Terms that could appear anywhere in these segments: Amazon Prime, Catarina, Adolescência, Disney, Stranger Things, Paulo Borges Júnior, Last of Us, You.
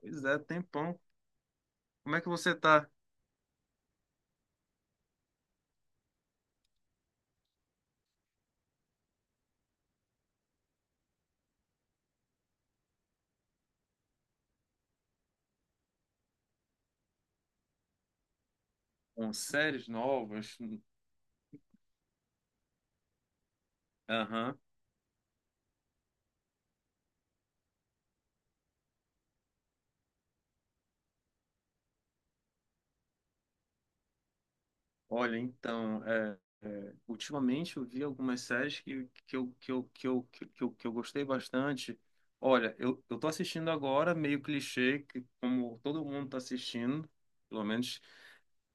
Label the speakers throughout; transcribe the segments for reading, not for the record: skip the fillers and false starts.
Speaker 1: Pois é, tempão. Como é que você tá? Com séries novas? Aham. Olha, então, ultimamente eu vi algumas séries eu, que eu que eu gostei bastante. Olha, eu tô assistindo agora, meio clichê, que como todo mundo tá assistindo, pelo menos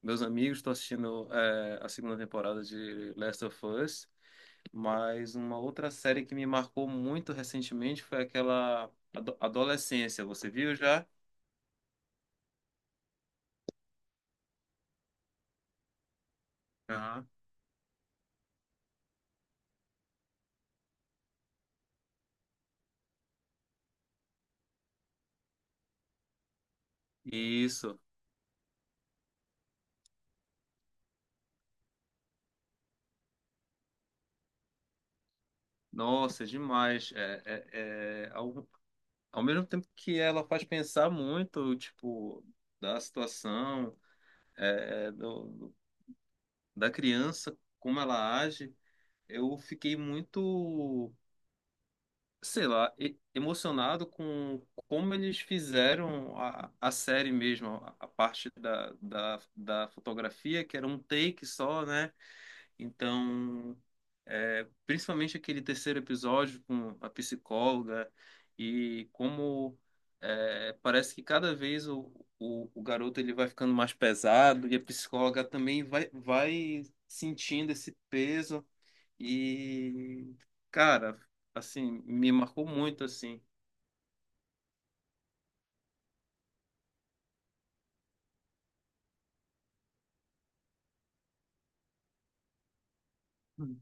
Speaker 1: meus amigos estão assistindo a segunda temporada de Last of Us, mas uma outra série que me marcou muito recentemente foi aquela Adolescência. Você viu já? Aham. Isso. Nossa, é demais. É, é, ao, ao mesmo tempo que ela faz pensar muito, tipo, da situação, é, é, do, do- da criança, como ela age, eu fiquei muito, sei lá, emocionado com como eles fizeram a série mesmo, a parte da fotografia, que era um take só, né? Então, principalmente aquele terceiro episódio com a psicóloga e como parece que cada vez o garoto ele vai ficando mais pesado e a psicóloga também vai sentindo esse peso e, cara, assim, me marcou muito, assim,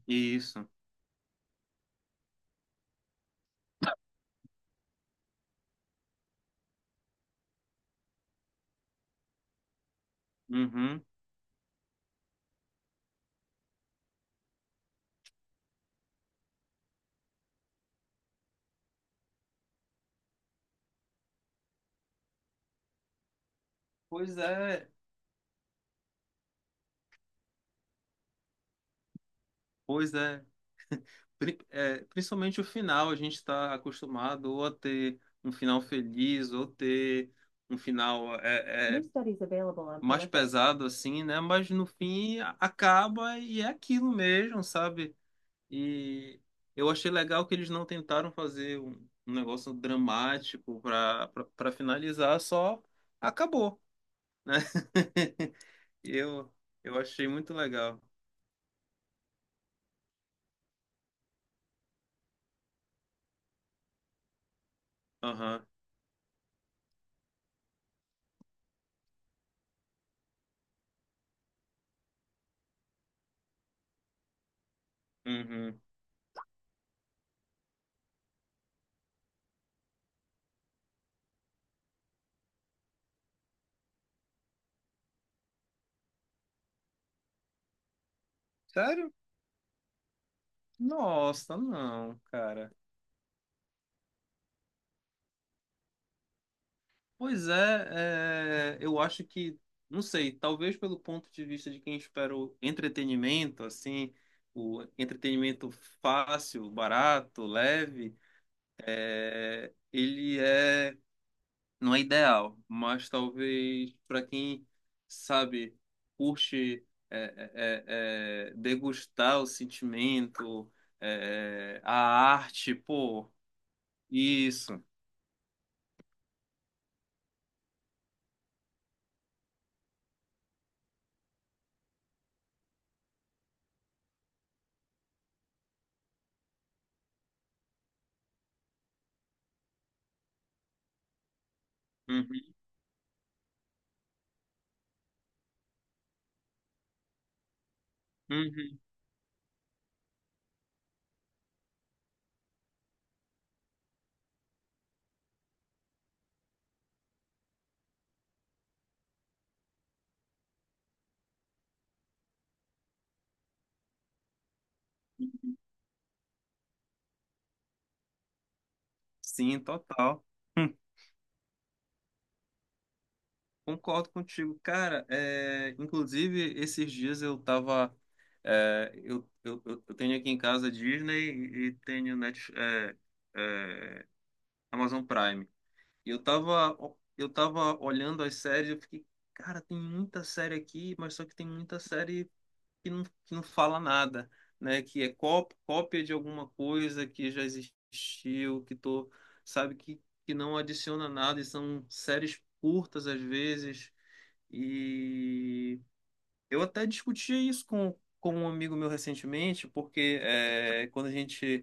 Speaker 1: isso. Uhum. Pois é, pois é. Principalmente o final, a gente está acostumado ou a ter um final feliz, ou ter um final é, New é, studies available on mais politics. Pesado assim, né? Mas no fim acaba e é aquilo mesmo, sabe? E eu achei legal que eles não tentaram fazer um negócio dramático para finalizar, só acabou, né? Eu eu achei muito legal. Aham. Uhum. Sério? Nossa, não, cara. Pois é, eu acho que, não sei, talvez pelo ponto de vista de quem espera o entretenimento, assim, o entretenimento fácil, barato, leve, ele é, não é ideal, mas talvez para quem, sabe, curte é, é, degustar o sentimento, a arte, pô, isso. Uhum, uhum. Sim, total. Concordo contigo, cara. Inclusive, esses dias eu tava. Eu tenho aqui em casa Disney e tenho Net, é, Amazon Prime. E eu tava olhando as séries e eu fiquei, cara, tem muita série aqui, mas só que tem muita série que não fala nada, né? Que é cópia, cópia de alguma coisa que já existiu, que tô, sabe, que não adiciona nada e são séries curtas às vezes e eu até discutia isso com um amigo meu recentemente, porque quando a gente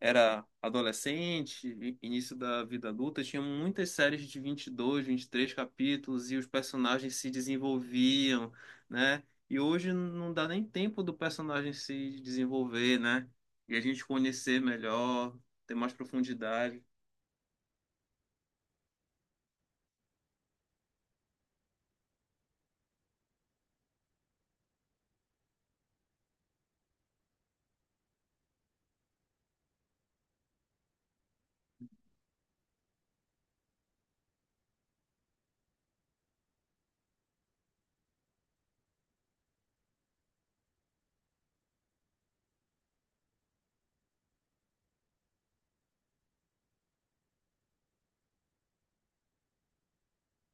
Speaker 1: era adolescente, início da vida adulta, tinha muitas séries de 20 22 23 capítulos e os personagens se desenvolviam, né? E hoje não dá nem tempo do personagem se desenvolver, né? E a gente conhecer melhor, ter mais profundidade.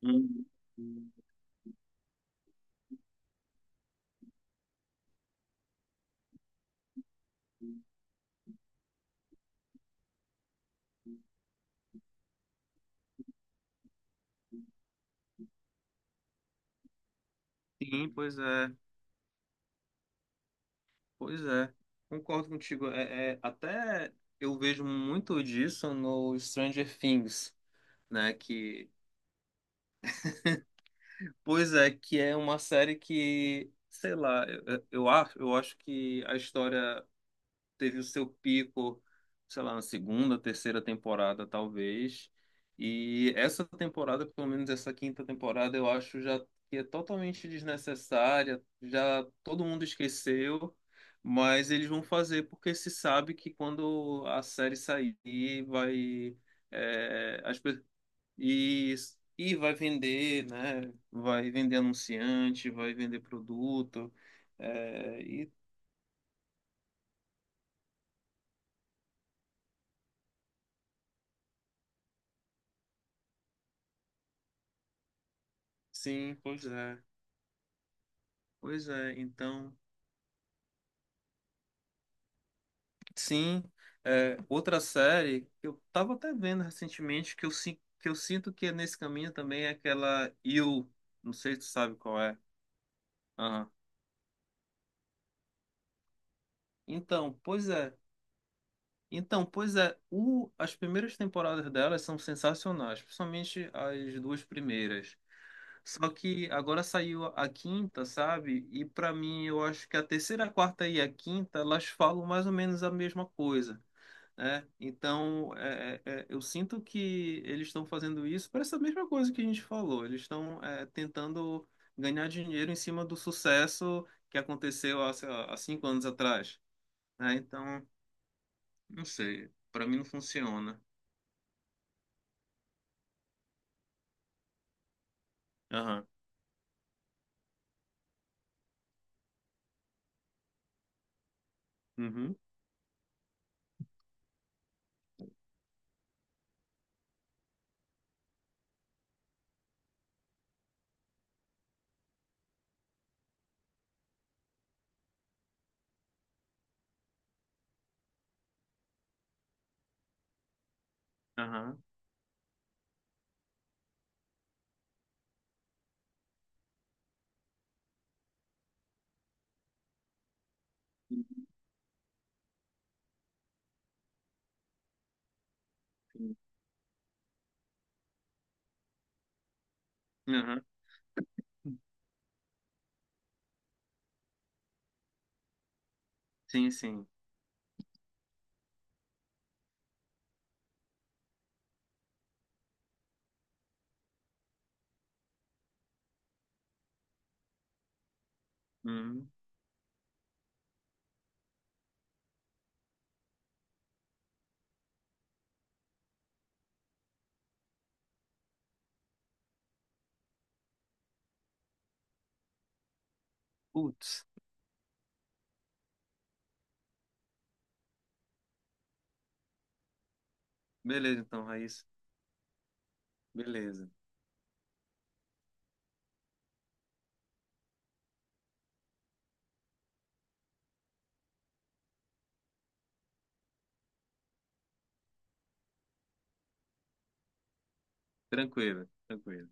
Speaker 1: Uhum. Sim, pois é. Pois é, concordo contigo. Até eu vejo muito disso no Stranger Things, né? Que, pois é, que é uma série que, sei lá, eu acho que a história teve o seu pico, sei lá, na segunda, terceira temporada, talvez. E essa temporada, pelo menos essa quinta temporada, eu acho já que é totalmente desnecessária, já todo mundo esqueceu, mas eles vão fazer porque se sabe que quando a série sair, vai. é, as, pe- e, e vai vender, né? Vai vender anunciante, vai vender produto. É, e sim, pois é. Pois é, então, sim, outra série que eu tava até vendo recentemente que eu sinto que é nesse caminho também é aquela You, não sei se tu sabe qual é. Aham. Então, pois é. Então, pois é, as primeiras temporadas delas são sensacionais, principalmente as duas primeiras. Só que agora saiu a quinta, sabe? E pra mim, eu acho que a terceira, a quarta e a quinta, elas falam mais ou menos a mesma coisa. Eu sinto que eles estão fazendo isso para essa mesma coisa que a gente falou. Eles estão tentando ganhar dinheiro em cima do sucesso que aconteceu sei lá, há 5 anos atrás. Né? Então, não sei. Para mim não funciona. Aham. Uhum. Aham. Sim. Aham. Sim, sim. Uhum. Putz. Beleza, então, Raíssa. Beleza. Tranquilo, tranquilo.